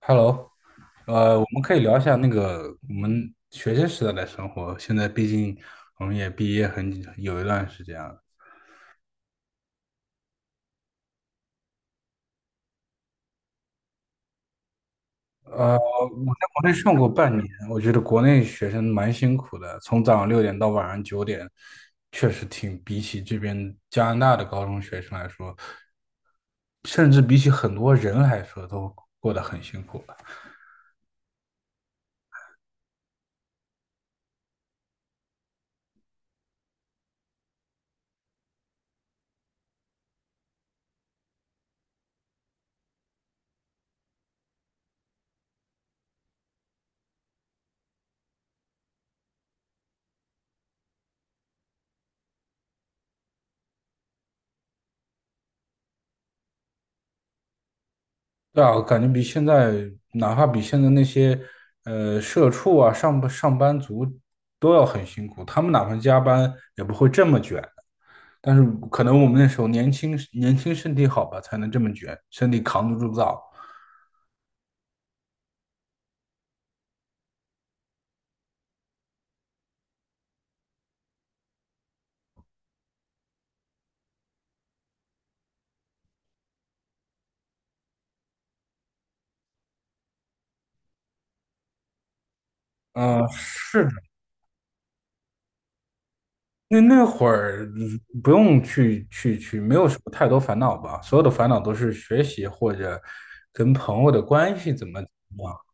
Hello，我们可以聊一下那个我们学生时代的生活。现在毕竟我们也毕业很有一段时间了。我在国内上过半年，我觉得国内学生蛮辛苦的，从早上六点到晚上九点，确实挺比起这边加拿大的高中学生来说，甚至比起很多人来说，都过得很辛苦。对啊，我感觉比现在，哪怕比现在那些，社畜啊、上班族都要很辛苦。他们哪怕加班也不会这么卷，但是可能我们那时候年轻，年轻身体好吧，才能这么卷，身体扛得住造。嗯、是的。那会儿不用去，没有什么太多烦恼吧，所有的烦恼都是学习或者跟朋友的关系怎么样。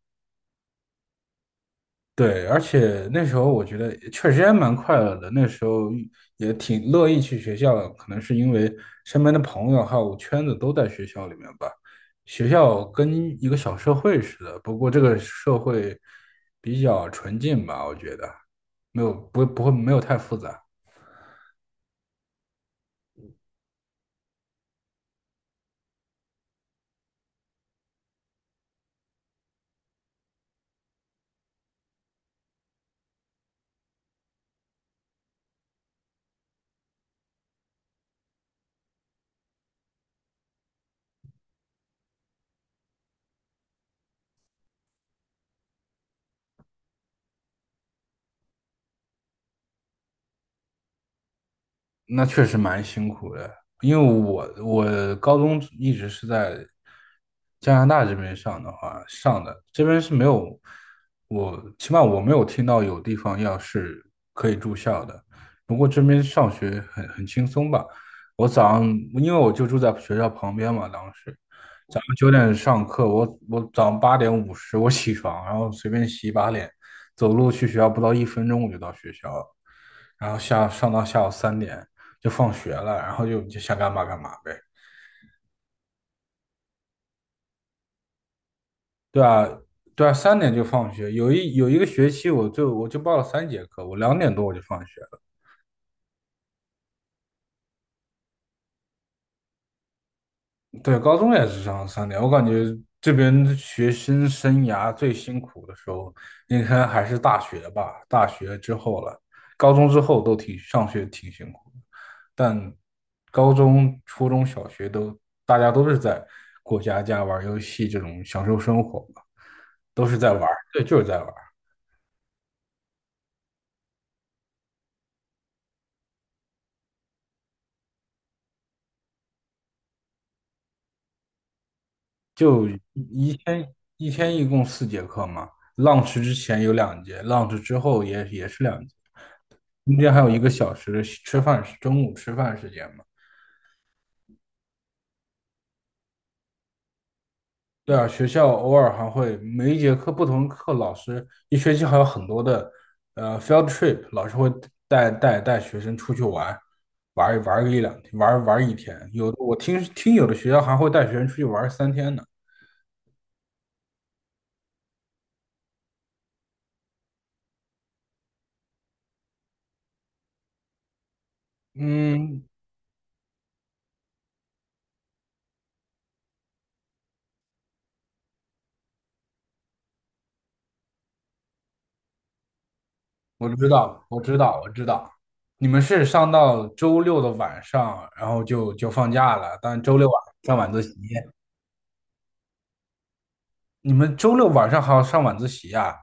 对，而且那时候我觉得确实也蛮快乐的，那时候也挺乐意去学校的，可能是因为身边的朋友还有圈子都在学校里面吧。学校跟一个小社会似的，不过这个社会比较纯净吧，我觉得没有不不会没有太复杂。那确实蛮辛苦的，因为我高中一直是在加拿大这边上的，这边是没有我起码我没有听到有地方要是可以住校的。不过这边上学很轻松吧，我早上因为我就住在学校旁边嘛，当时早上九点上课，我早上8:50我起床，然后随便洗一把脸，走路去学校不到一分钟我就到学校了，然后上到下午三点。就放学了，然后就想干嘛干嘛呗。对啊，对啊，三点就放学。有一个学期，我就报了3节课，我2点多我就放学了。对，高中也是上三点。我感觉这边学生生涯最辛苦的时候，应该还是大学吧。大学之后了，高中之后都挺上学挺辛苦的，但高中、初中小学大家都是在过家家、玩游戏这种享受生活嘛，都是在玩儿，对，就是在玩。就一天一共4节课嘛，lunch 之前有两节，lunch 之后也是两节，中间还有一个小时的吃饭时，中午吃饭时间嘛。对啊，学校偶尔还会每一节课不同课，老师一学期还有很多的field trip，老师会带学生出去玩，玩玩个一两天，玩玩一天。我听听有的学校还会带学生出去玩3天呢。嗯，我知道，我知道，我知道，你们是上到周六的晚上，然后就放假了，但周六晚上上晚自习，你们周六晚上还要上晚自习啊？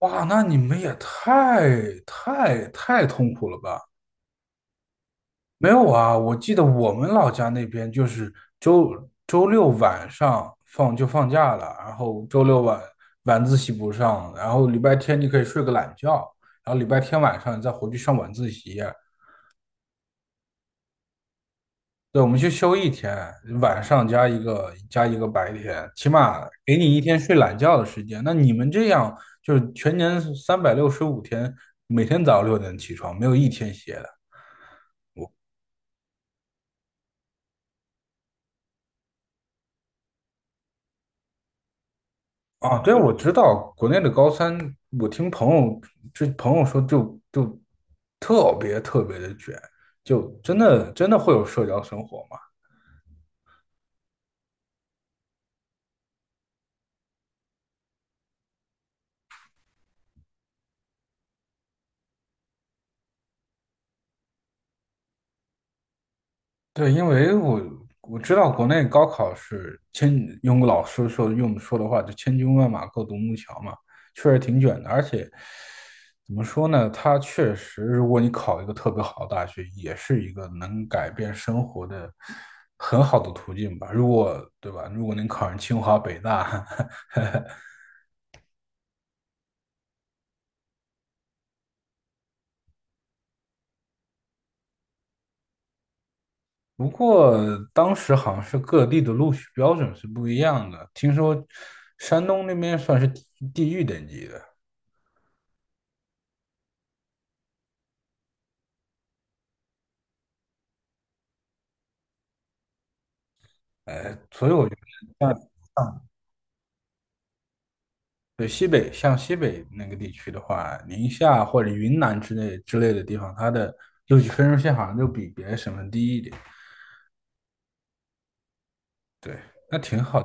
哇，那你们也太痛苦了吧？没有啊，我记得我们老家那边就是周六晚上就放假了，然后周六晚晚自习不上，然后礼拜天你可以睡个懒觉，然后礼拜天晚上再回去上晚自习。对，我们去休一天，晚上加一个白天，起码给你一天睡懒觉的时间。那你们这样就是全年365天，每天早上六点起床，没有一天歇的啊。对，我知道国内的高三，我听这朋友说就特别特别的卷，就真的真的会有社交生活吗？对，因为我知道国内高考是千，用说的话就千军万马过独木桥嘛，确实挺卷的。而且怎么说呢，它确实，如果你考一个特别好的大学，也是一个能改变生活的很好的途径吧。对吧？如果能考上清华北大，不过当时好像是各地的录取标准是不一样的，听说山东那边算是地狱等级的。所以我觉得像像像西北那个地区的话，宁夏或者云南之类的地方，它的录取分数线好像就比别的省份低一点。对，那挺好。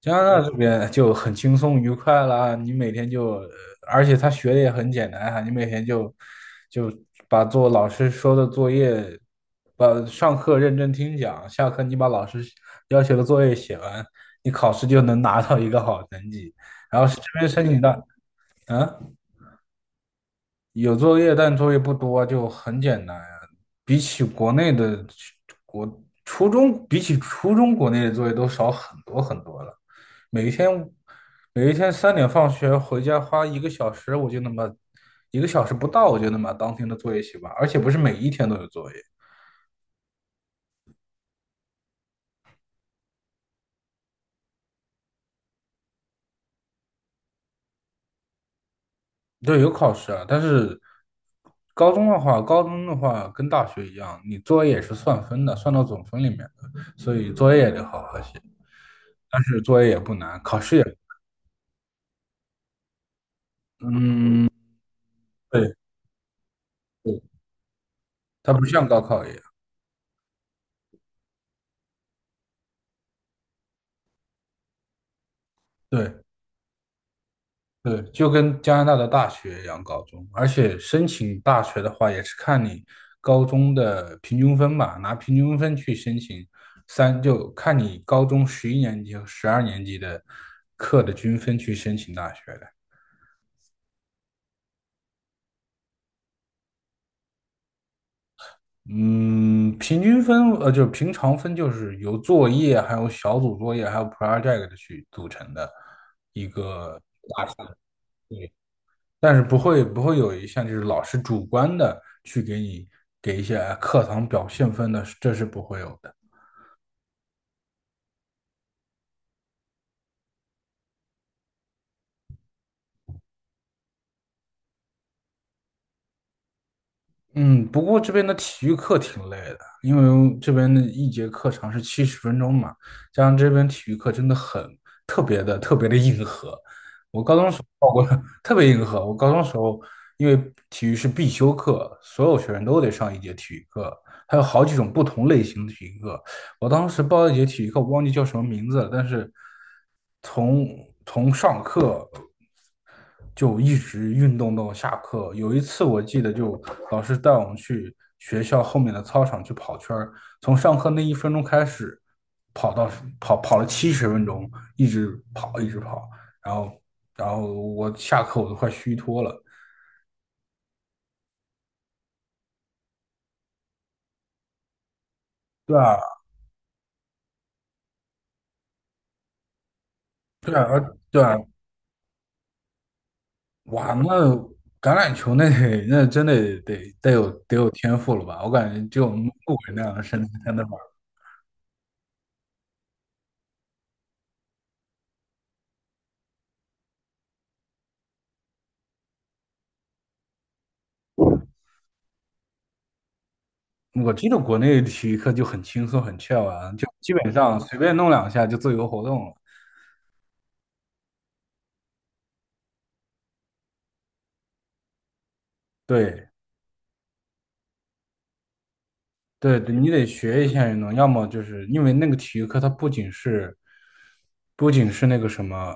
加拿大这边就很轻松愉快啦，你每天就，呃而且他学的也很简单啊，你每天就把做老师说的作业，把上课认真听讲，下课你把老师要求的作业写完，你考试就能拿到一个好成绩。然后这边申请到，嗯，有作业，但作业不多，就很简单呀。比起国内的国初中，比起初中国内的作业都少很多很多了。每一天每一天三点放学回家花一个小时，我就能把一个小时不到，我就能把当天的作业写完，而且不是每一天都有作业，对，有考试啊。但是高中的话，高中的话跟大学一样，你作业也是算分的，算到总分里面的，所以作业也得好好写。但是作业也不难，考试也，嗯，对对，它不像高考一样，对。对，就跟加拿大的大学一样，高中，而且申请大学的话，也是看你高中的平均分吧，拿平均分去申请就看你高中11年级和12年级的课的均分去申请大学的。嗯，平均分，就是平常分，就是由作业、还有小组作业、还有 project 去组成的一个。但是不会有一项就是老师主观的去给你给一些课堂表现分的，这是不会有的。嗯，不过这边的体育课挺累的，因为这边的一节课长是七十分钟嘛，加上这边体育课真的很特别的特别的硬核。我高中时。特别硬核。我高中时候因为体育是必修课，所有学生都得上一节体育课，还有好几种不同类型的体育课。我当时报了一节体育课，我忘记叫什么名字了，但是从从上课就一直运动到下课。有一次我记得，就老师带我们去学校后面的操场去跑圈儿，从上课那一分钟开始，跑到跑跑了七十分钟，一直跑一直跑，然后然后我下课我都快虚脱了。对啊，对啊，对啊，哇，那橄榄球那得那真得有天赋了吧？我感觉只有穆伟那样的身材才能玩。我记得国内体育课就很轻松很 chill 啊，就基本上随便弄两下就自由活动了。对，对对，你得学一下运动，要么就是因为那个体育课，它不仅是，不仅是那个什么，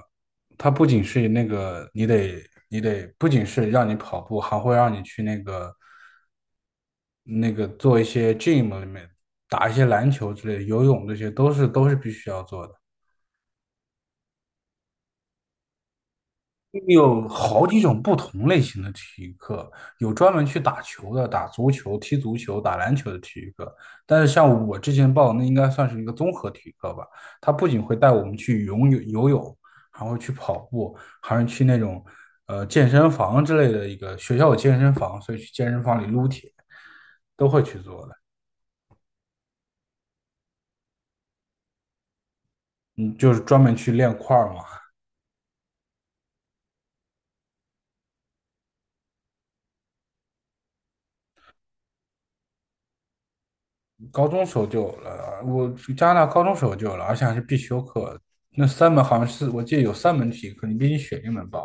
它不仅是那个，你得不仅是让你跑步，还会让你去那个做一些 gym 里面打一些篮球之类的，游泳这些都是必须要做的。有好几种不同类型的体育课，有专门去打球的，打足球、踢足球、打篮球的体育课。但是像我之前报的，那应该算是一个综合体育课吧。它不仅会带我们去游泳，还会去跑步，还是去那种健身房之类的。一个学校有健身房，所以去健身房里撸铁都会去做的。嗯，就是专门去练块儿嘛。高中时候就有了，我加拿大高中时候就有了，而且还是必修课。那三门好像是我记得有三门体育课，你必须选一门吧？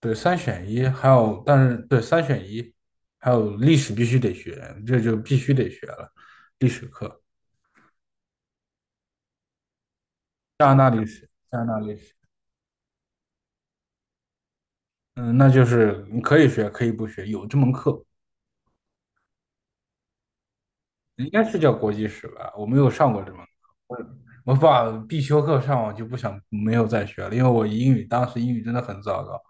对，三选一，还有但是对三选一，还有历史必须得学，这就必须得学了。历史课，加拿大历史，加拿大历史。嗯，那就是你可以学，可以不学，有这门课，应该是叫国际史吧？我没有上过这门。我把必修课上完就不想没有再学了，因为我英语当时英语真的很糟糕，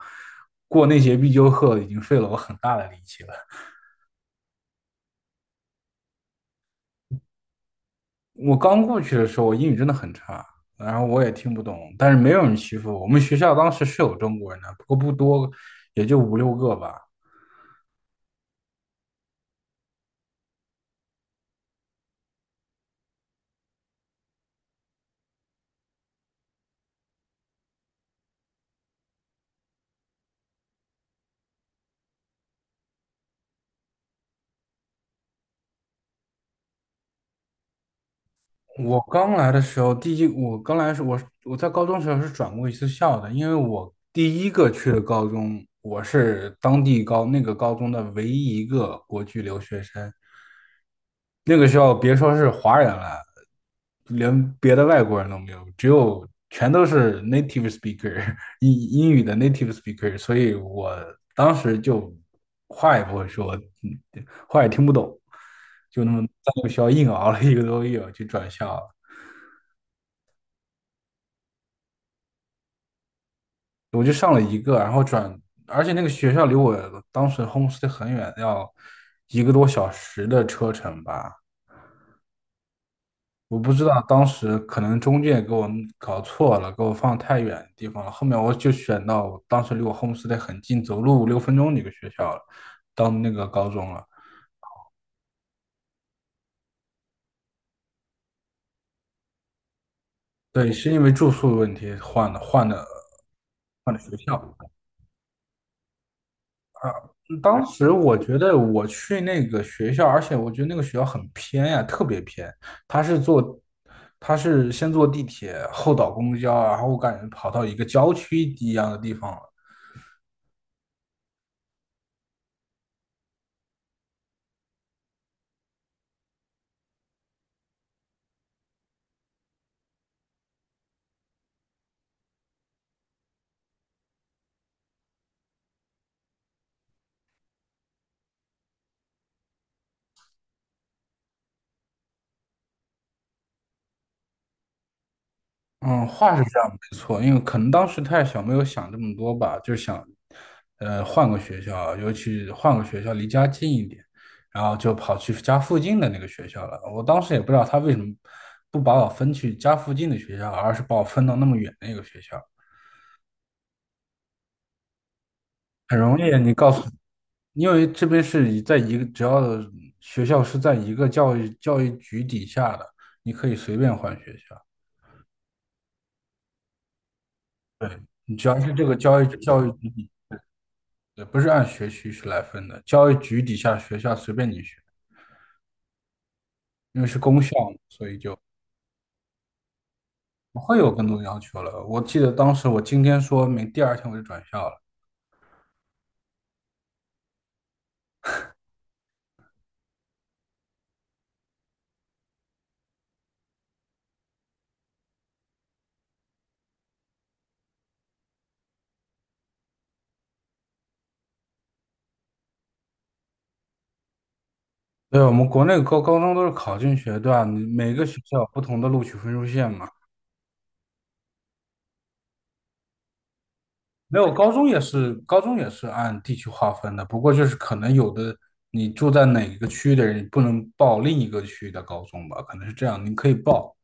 过那节必修课已经费了我很大的力气了。我刚过去的时候，我英语真的很差，然后我也听不懂，但是没有人欺负我。我们学校当时是有中国人的，不过不多，也就五六个吧。我刚来的时候，我刚来的时候，我在高中时候是转过一次校的，因为我第一个去的高中，我是当地那个高中的唯一一个国际留学生。那个学校别说是华人了，连别的外国人都没有，只有全都是 native speaker 英英语的 native speaker，所以我当时就话也不会说，嗯话也听不懂，就那么在那个学校硬熬了一个多月就转校了。我就上了一个，然后转，而且那个学校离我当时 homestay 很远，要一个多小时的车程吧。我不知道当时可能中介给我搞错了，给我放太远的地方了。后面我就选到我当时离我 homestay 很近，走路五六分钟的一个学校了，当那个高中了。对，是因为住宿的问题换的学校。当时我觉得我去那个学校，而且我觉得那个学校很偏呀，特别偏。他是坐，他是先坐地铁，后倒公交，然后我感觉跑到一个郊区一样的地方了。嗯，话是这样，没错，因为可能当时太小，没有想这么多吧，就想，换个学校，尤其换个学校离家近一点，然后就跑去家附近的那个学校了。我当时也不知道他为什么不把我分去家附近的学校，而是把我分到那么远的一个学校。很容易，你告诉，因为这边是以在一个，只要学校是在一个教育局底下的，你可以随便换学校。对，你只要是这个教育局。对，不是按学区是来分的，教育局底下学校随便你选，因为是公校嘛，所以就不会有更多的要求了。我记得当时我今天说明，第二天我就转校了。对，我们国内高中都是考进学段，你每个学校有不同的录取分数线嘛。没有，高中也是，高中也是按地区划分的，不过就是可能有的你住在哪一个区域的人，你不能报另一个区域的高中吧，可能是这样，你可以报，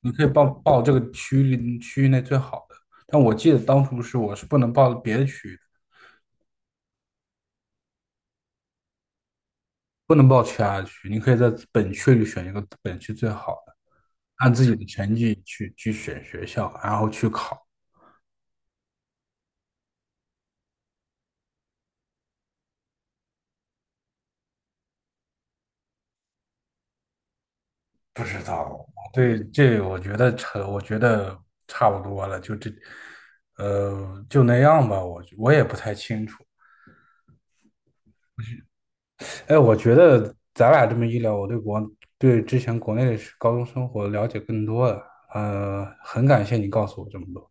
你可以报这个区域内最好的，但我记得当初是我是不能报别的区域的不能报其他的区，你可以在本区里选一个本区最好的，按自己的成绩去选学校，然后去考。不知道，对，这我觉得我觉得差不多了，就这，就那样吧。我也不太清楚，哎，我觉得咱俩这么一聊，我对之前国内的高中生活了解更多了。很感谢你告诉我这么多。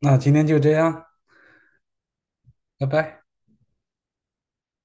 那今天就这样，拜拜。